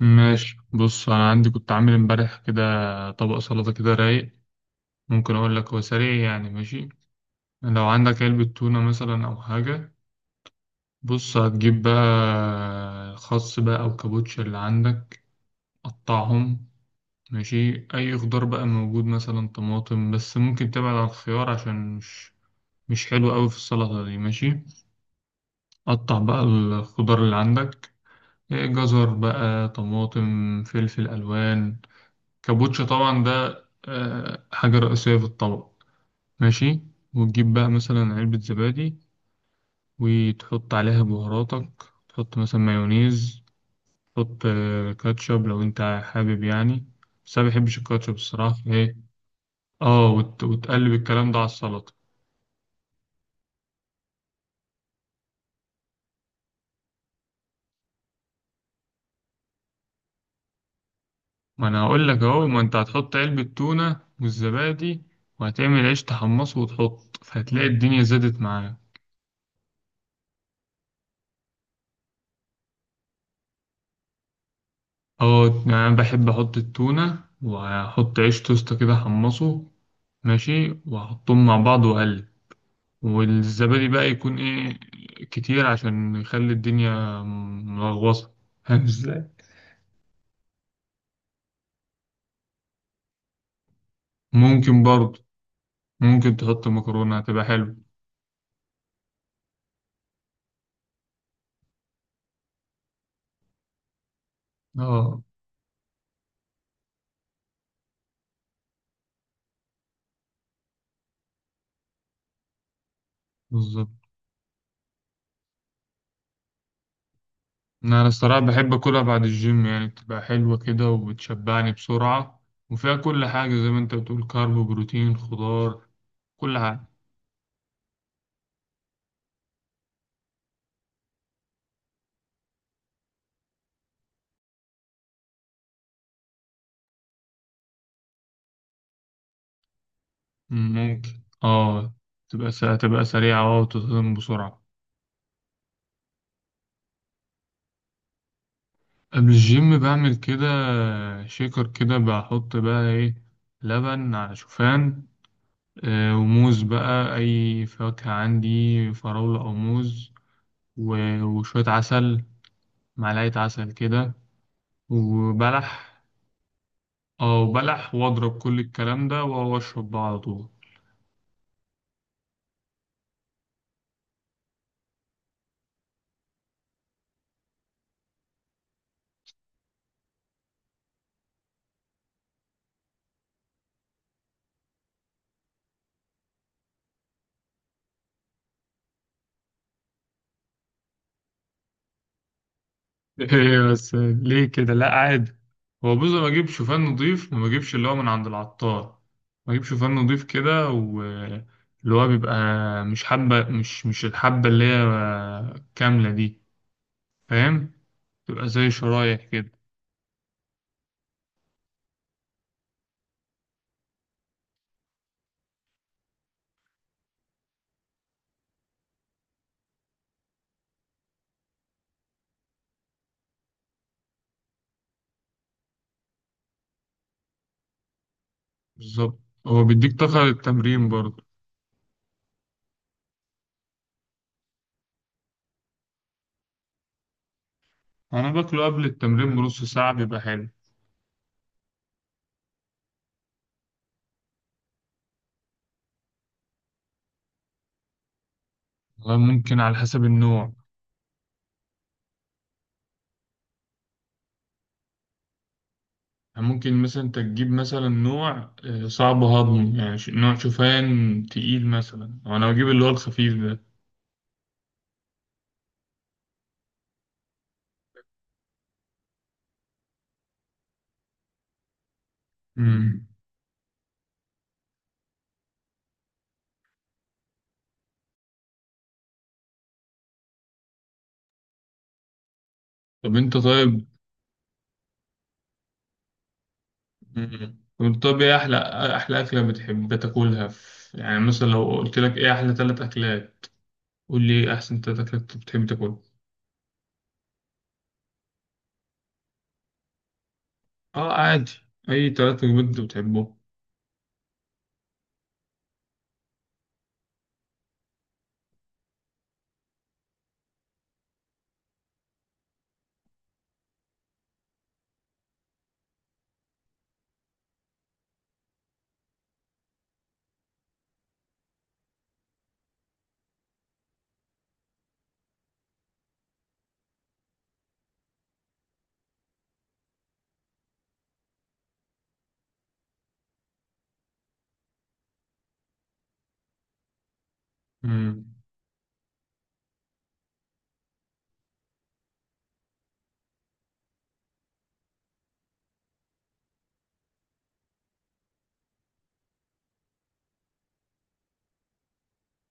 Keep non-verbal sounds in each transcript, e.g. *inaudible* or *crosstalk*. ماشي، بص انا عندي كنت عامل امبارح كده طبق سلطة كده رايق. ممكن اقول لك، هو سريع يعني. ماشي، لو عندك علبة تونة مثلا او حاجة. بص، هتجيب بقى خس بقى او كابوتشا اللي عندك. قطعهم. ماشي، اي خضار بقى موجود، مثلا طماطم، بس ممكن تبعد عن الخيار عشان مش حلو قوي في السلطة دي. ماشي، قطع بقى الخضار اللي عندك، إيه، جزر بقى، طماطم، فلفل الوان. كابوتشا طبعا ده حاجة رئيسية في الطبق. ماشي، وتجيب بقى مثلا علبة زبادي وتحط عليها بهاراتك. تحط مثلا مايونيز، تحط كاتشب لو انت حابب. يعني بس انا مبحبش الكاتشب الصراحة، ايه اه وتقلب الكلام ده على السلطة. ما انا هقول لك اهو، ما انت هتحط علبة تونة والزبادي وهتعمل عيش تحمصه وتحط، فهتلاقي الدنيا زادت معاك. اه يعني انا بحب احط التونة، وهحط عيش توست كده حمصه، ماشي، وأحطهم مع بعض وأقلب. والزبادي بقى يكون إيه، كتير عشان يخلي الدنيا ملغوصة. فاهم إزاي؟ ممكن برضه. ممكن تحط مكرونة، هتبقى حلوة. اه، بالظبط. أنا الصراحة بحب أكلها بعد الجيم، يعني بتبقى حلوة كده وبتشبعني بسرعة، وفيها كل حاجة زي ما أنت بتقول، كارب وبروتين خضار، كل حاجة. مم، ممكن. اه، تبقى سريعة اه وتتهضم بسرعة. قبل الجيم بعمل كده شيكر كده، بحط بقى ايه، لبن على شوفان، وموز بقى، اي فاكهة عندي، فراولة او موز، وشوية عسل، معلقة عسل كده، وبلح. اه، وبلح، واضرب كل الكلام ده واشرب بقى على طول. ايه بس ليه كده، لا عادي. هو بص، ما اجيب شوفان نضيف وما اجيبش اللي هو من عند العطار. ما اجيب شوفان نضيف كده، واللي هو بيبقى، مش حبة، مش الحبة اللي هي كاملة دي، فاهم؟ تبقى زي شرايح كده. بالظبط، هو بيديك طاقة للتمرين برضه. انا باكله قبل التمرين بنص ساعة، بيبقى حلو. والله ممكن على حسب النوع. يعني ممكن مثلا انت تجيب مثلا نوع صعب هضمه، يعني نوع شوفان تقيل مثلا، أو انا بجيب اللي هو الخفيف ده. مم. طب انت طيب. ايه احلى، احلى اكله بتحب تاكلها في... يعني مثلا لو قلت لك ايه احلى ثلاث اكلات، قول لي ايه احسن ثلاث اكلات انت بتحب تاكلها. اه عادي، اي ثلاث وجبات انت بتحبهم.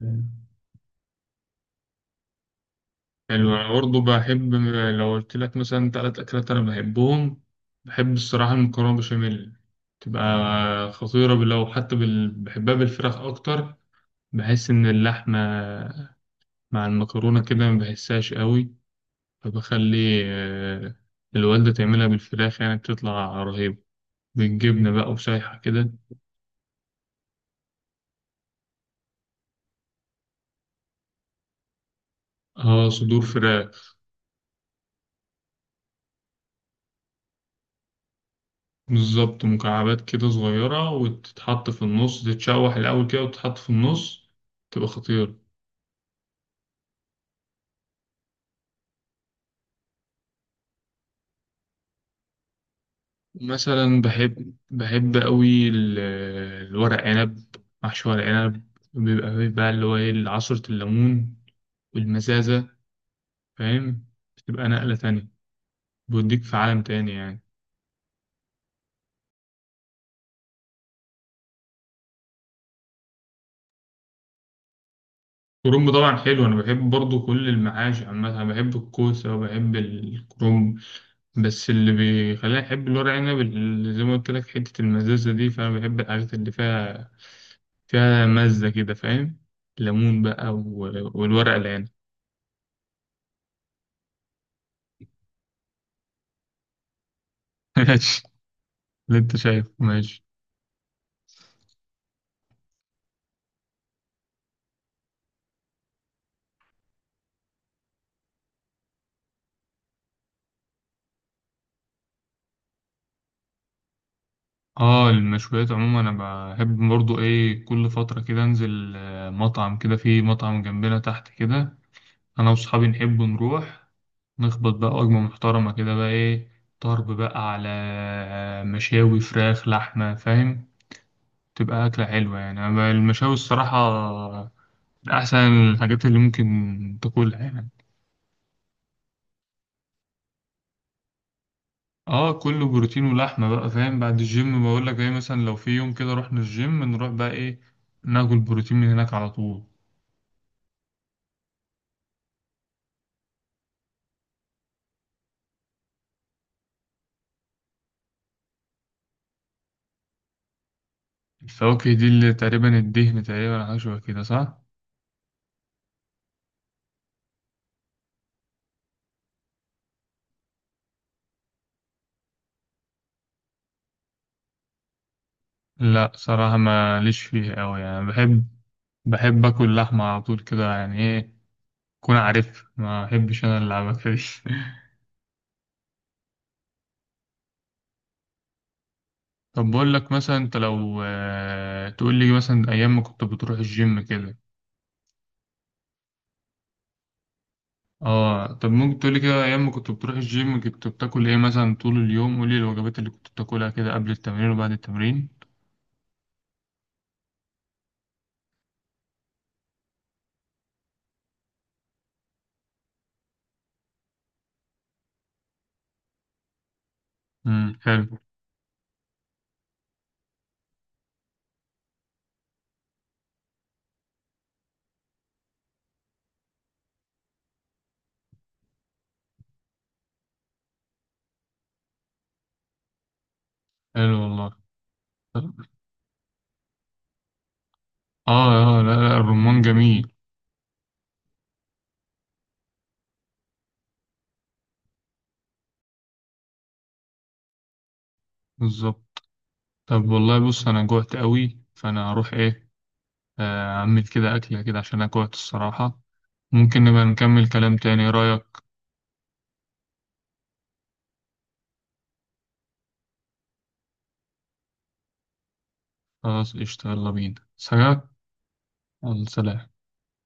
مم. حلو، أنا برضه بحب. لو قلت لك مثلا تلات أكلات أنا بحبهم، بحب الصراحة المكرونة بشاميل، تبقى خطيرة، لو حتى بال... بحبها بالفراخ أكتر. بحس إن اللحمة مع المكرونة كده ما بحسهاش قوي، فبخلي الوالدة تعملها بالفراخ، يعني بتطلع رهيبة بالجبنة بقى وشايحة كده. اه، صدور فراخ. بالظبط، مكعبات كده صغيرة، وتتحط في النص، تتشوح الأول كده وتتحط في النص، تبقى خطيرة. مثلا بحب قوي ال-، الورق عنب، محشي ورق عنب، بيبقى فيه بقى اللي هو ايه، عصرة الليمون والمزازة، فاهم؟ بتبقى نقلة تانية، بيوديك في عالم تاني يعني. الكرنب طبعا حلو، انا بحب برضو كل المعاش عامة، انا بحب الكوسة وبحب الكرنب، بس اللي بيخليني احب الورق عنب اللي زي ما قلت لك، حتة المزازة دي، فانا بحب الحاجات اللي فيها فيها مزة كده، فاهم؟ ليمون بقى والورق العنب. *laughs* اللي انت شايف ماشي. اه، المشويات عموما انا بحب برضو ايه، كل فترة كده انزل مطعم كده، في مطعم جنبنا تحت كده، انا واصحابي نحب نروح نخبط بقى وجبة محترمة كده بقى ايه، طرب بقى على مشاوي فراخ لحمة، فاهم؟ تبقى أكلة حلوة يعني. أما المشاوي الصراحة من أحسن الحاجات اللي ممكن تاكلها يعني. اه، كله بروتين ولحمة بقى، فاهم؟ بعد الجيم بقول لك ايه، مثلا لو في يوم كده رحنا الجيم، نروح بقى ايه، ناكل بروتين من هناك على طول. الفواكه دي اللي تقريبا الدهن، تقريبا حاجة شبه كده صح؟ لا صراحة ما ليش فيها أوي، يعني بحب، بحب آكل لحمة على طول كده، يعني ايه، كون عارف ما أحبش أنا اللعبة دي. *laughs* طب بقول لك مثلا، أنت لو تقول لي مثلا أيام ما كنت بتروح الجيم كده، اه طب ممكن تقولي كده، ايام ما كنت بتروح الجيم كنت بتاكل ايه مثلا طول اليوم، قولي الوجبات اللي كنت بتاكلها كده قبل التمرين وبعد التمرين. امم، حلو. حلو والله. اه اه، لا لا، الرمان جميل. بالظبط. طب والله بص، انا جوعت قوي، فانا هروح ايه، اعمل كده اكله كده عشان انا جوعت الصراحه. ممكن نبقى نكمل كلام تاني، إيه رايك؟ خلاص قشطة، يلا بينا، سلام. يلا سلام.